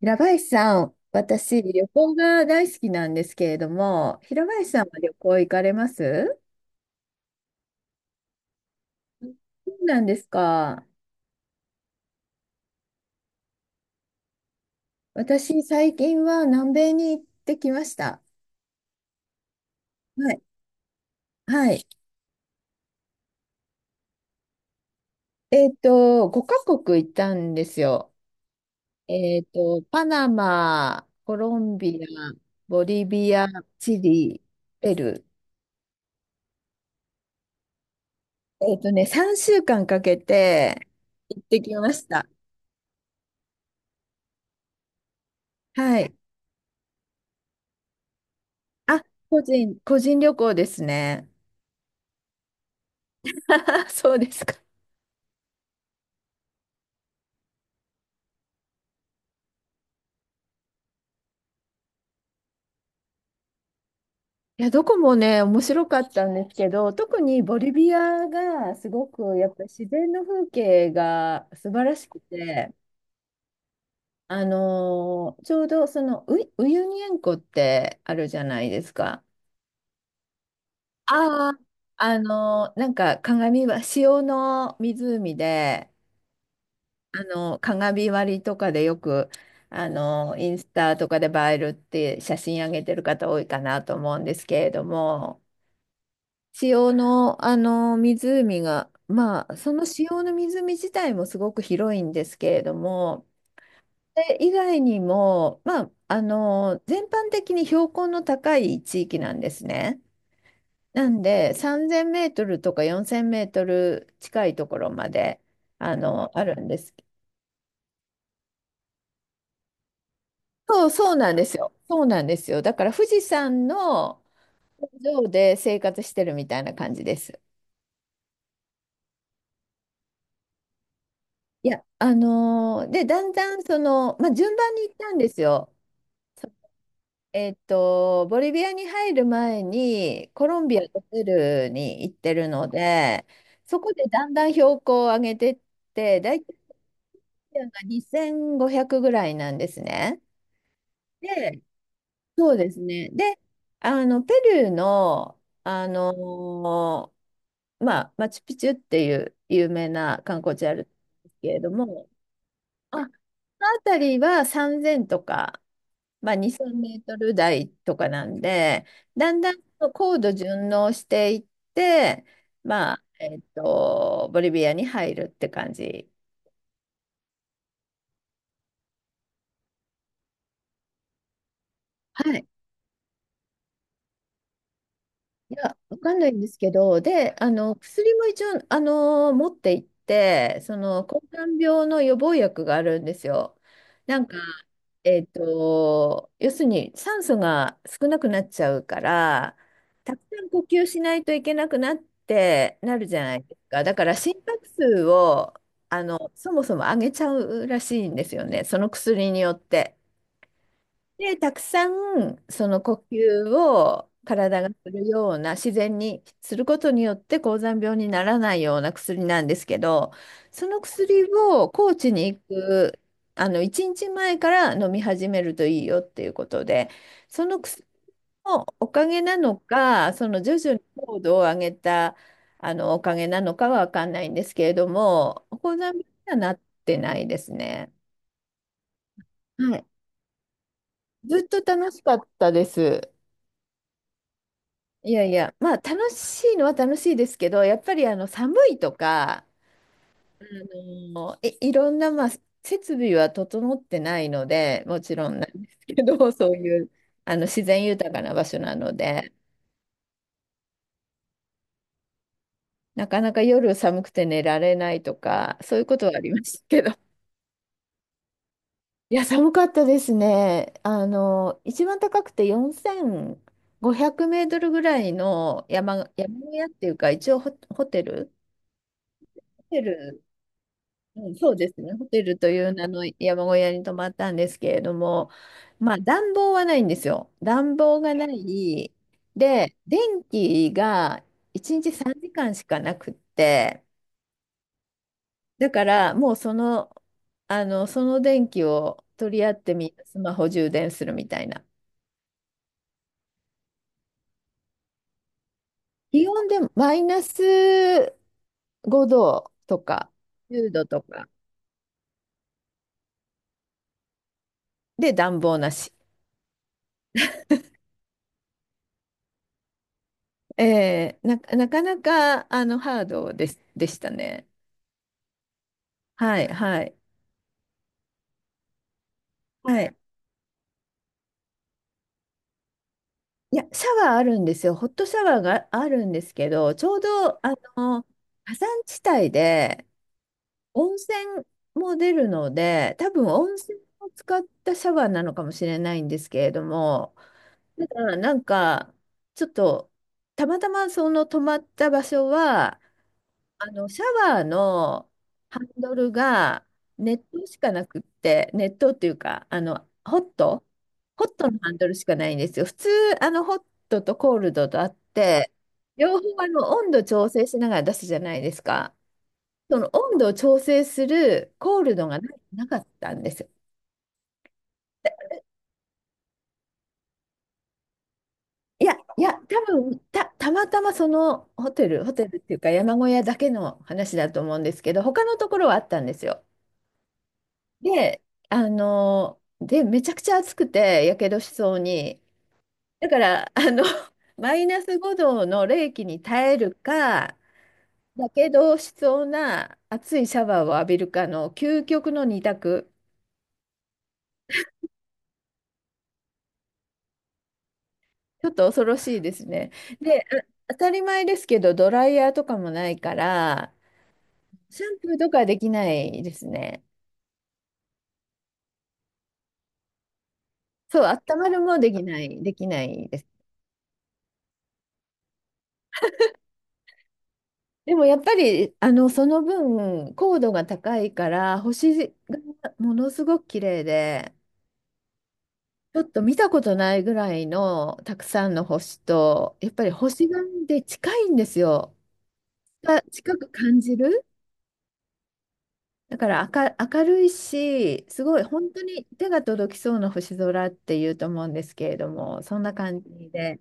平林さん、私、旅行が大好きなんですけれども、平林さんは旅行行かれます？そうなんですか。私、最近は南米に行ってきました。はい。はい。5カ国行ったんですよ。パナマ、コロンビア、ボリビア、チリ、ペルー。3週間かけて行ってきました。はい。あ、個人旅行ですね。そうですか。いや、どこもね、面白かったんですけど、特にボリビアがすごく、やっぱり自然の風景が素晴らしくて、ちょうどそのウユニ塩湖ってあるじゃないですか。ああ、なんか鏡は塩の湖で、鏡割りとかでよく、インスタとかで映えるって写真上げてる方多いかなと思うんですけれども、塩の、あの湖が、まあ、その塩の湖自体もすごく広いんですけれども、それ以外にも、まあ、全般的に標高の高い地域なんですね。なんで、3000メートルとか4000メートル近いところまで、あるんです。そう、そうなんですよ。そうなんですよ。だから富士山の頂上で生活してるみたいな感じです。いや、で、だんだんまあ、順番に行ったんですよ。ボリビアに入る前にコロンビアとペルーに行ってるので、そこでだんだん標高を上げてって、大体が2500ぐらいなんですね。で、そうですね。で、ペルーの、あのまあ、マチュピチュっていう有名な観光地あるんですけれども、この辺りは3000とか、まあ、2000メートル台とかなんで、だんだんと高度順応していって、まあ、ボリビアに入るって感じ。はい。いや、わかんないんですけど、で、薬も一応、持って行って、抗がん病の予防薬があるんですよ。なんか、要するに酸素が少なくなっちゃうから、たくさん呼吸しないといけなくなってなるじゃないですか。だから心拍数をそもそも上げちゃうらしいんですよね、その薬によって。で、たくさんその呼吸を体がするような自然にすることによって高山病にならないような薬なんですけど、その薬を高知に行く1日前から飲み始めるといいよっていうことで、その薬のおかげなのか、その徐々に高度を上げたあのおかげなのかはわかんないんですけれども、高山病にはなってないですね。はい。ずっと楽しかったです。いやいや、まあ楽しいのは楽しいですけど、やっぱり寒いとか、あいろんな、まあ、設備は整ってないので、もちろんなんですけど、そういう自然豊かな場所なので、なかなか夜寒くて寝られないとか、そういうことはありましたけど。いや、寒かったですね。一番高くて4500メートルぐらいの山小屋っていうか、一応ホテル。ホテル。うん、そうですね。ホテルという名の山小屋に泊まったんですけれども、まあ暖房はないんですよ。暖房がない。で、電気が1日3時間しかなくって、だからもうその電気を取り合ってみ、スマホ充電するみたいな。気温でマイナス5度とか10度とかで暖房なし。なかなかハードでしたね。はい、はい、はい。いや、シャワーあるんですよ。ホットシャワーがあるんですけど、ちょうど、の、火山地帯で温泉も出るので、多分温泉を使ったシャワーなのかもしれないんですけれども、ただ、なんか、ちょっと、たまたまその泊まった場所は、シャワーのハンドルが熱湯しかなくって、熱湯っていうか、ホットのハンドルしかないんですよ。普通、ホットとコールドとあって、両方温度調整しながら出すじゃないですか。その温度を調整するコールドがなかったんですよ。いや、いや、多分たまたまそのホテルっていうか山小屋だけの話だと思うんですけど、他のところはあったんですよ。で、めちゃくちゃ暑くて、やけどしそうに。だから、マイナス5度の冷気に耐えるか、やけどしそうな熱いシャワーを浴びるかの究極の二択。ちょっと恐ろしいですね。で、当たり前ですけど、ドライヤーとかもないから、シャンプーとかできないですね。そう、温まるもできない、できないです。でもやっぱりその分高度が高いから、星がものすごく綺麗で、ちょっと見たことないぐらいのたくさんの星と、やっぱり星がで近いんですよ。が近く感じる。だから明るいし、すごい、本当に手が届きそうな星空っていうと思うんですけれども、そんな感じで。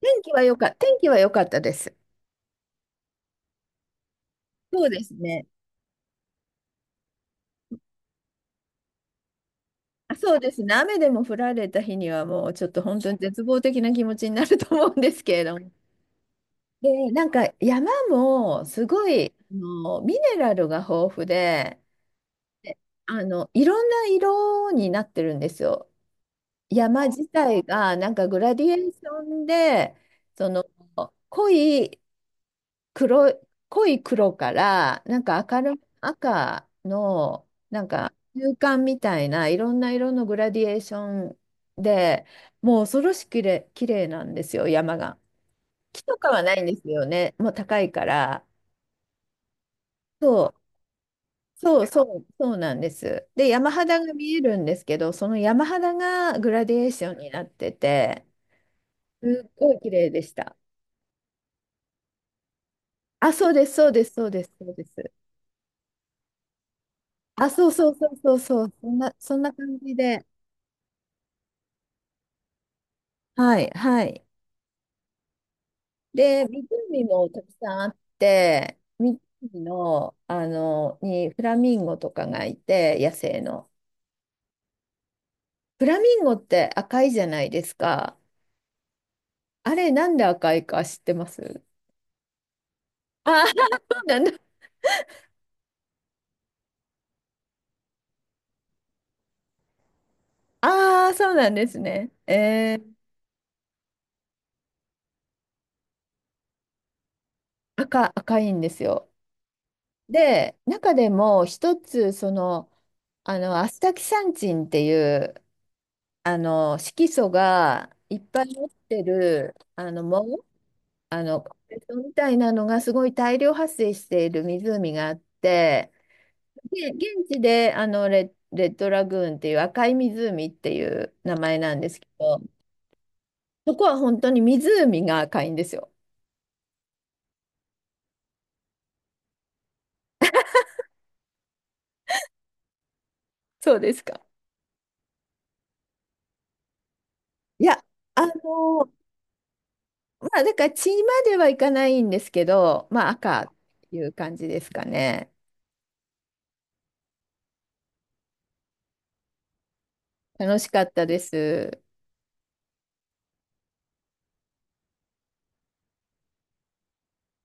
天気は良かったです。そうですね。そうですね。雨でも降られた日にはもうちょっと本当に絶望的な気持ちになると思うんですけれども。で、なんか山もすごい、ミネラルが豊富で、でいろんな色になってるんですよ。山自体がなんかグラディエーションで、その濃い黒い、濃い黒から、なんか明るい赤の、なんか中間みたいないろんな色のグラディエーションで、もう恐ろしく綺麗、綺麗なんですよ、山が。木とかはないんですよね、もう高いから。そう、そう、そう、そうなんです。で、山肌が見えるんですけど、その山肌がグラディエーションになってて、すっごい綺麗でした。あ、そうです、そうです、そうです、そうです。あ、そうそうそうそうそう、そんな、そんな感じで。はい、はい。で、湖もたくさんあって、湖の、にフラミンゴとかがいて、野生の。フラミンゴって赤いじゃないですか。あれ、なんで赤いか知ってます？ああー、そうなんだ。ああ、そうなんですね。赤いんですよ。で、中でも一つ、アスタキサンチンっていう、色素がいっぱい持ってる、藻、カートみたいなのがすごい大量発生している湖があって、で、現地でレッドラグーンっていう赤い湖っていう名前なんですけど、そこは本当に湖が赤いんですよ。そうですか。いや、あの、まあ、だから血まではいかないんですけど、まあ、赤っていう感じですかね。楽しかったです。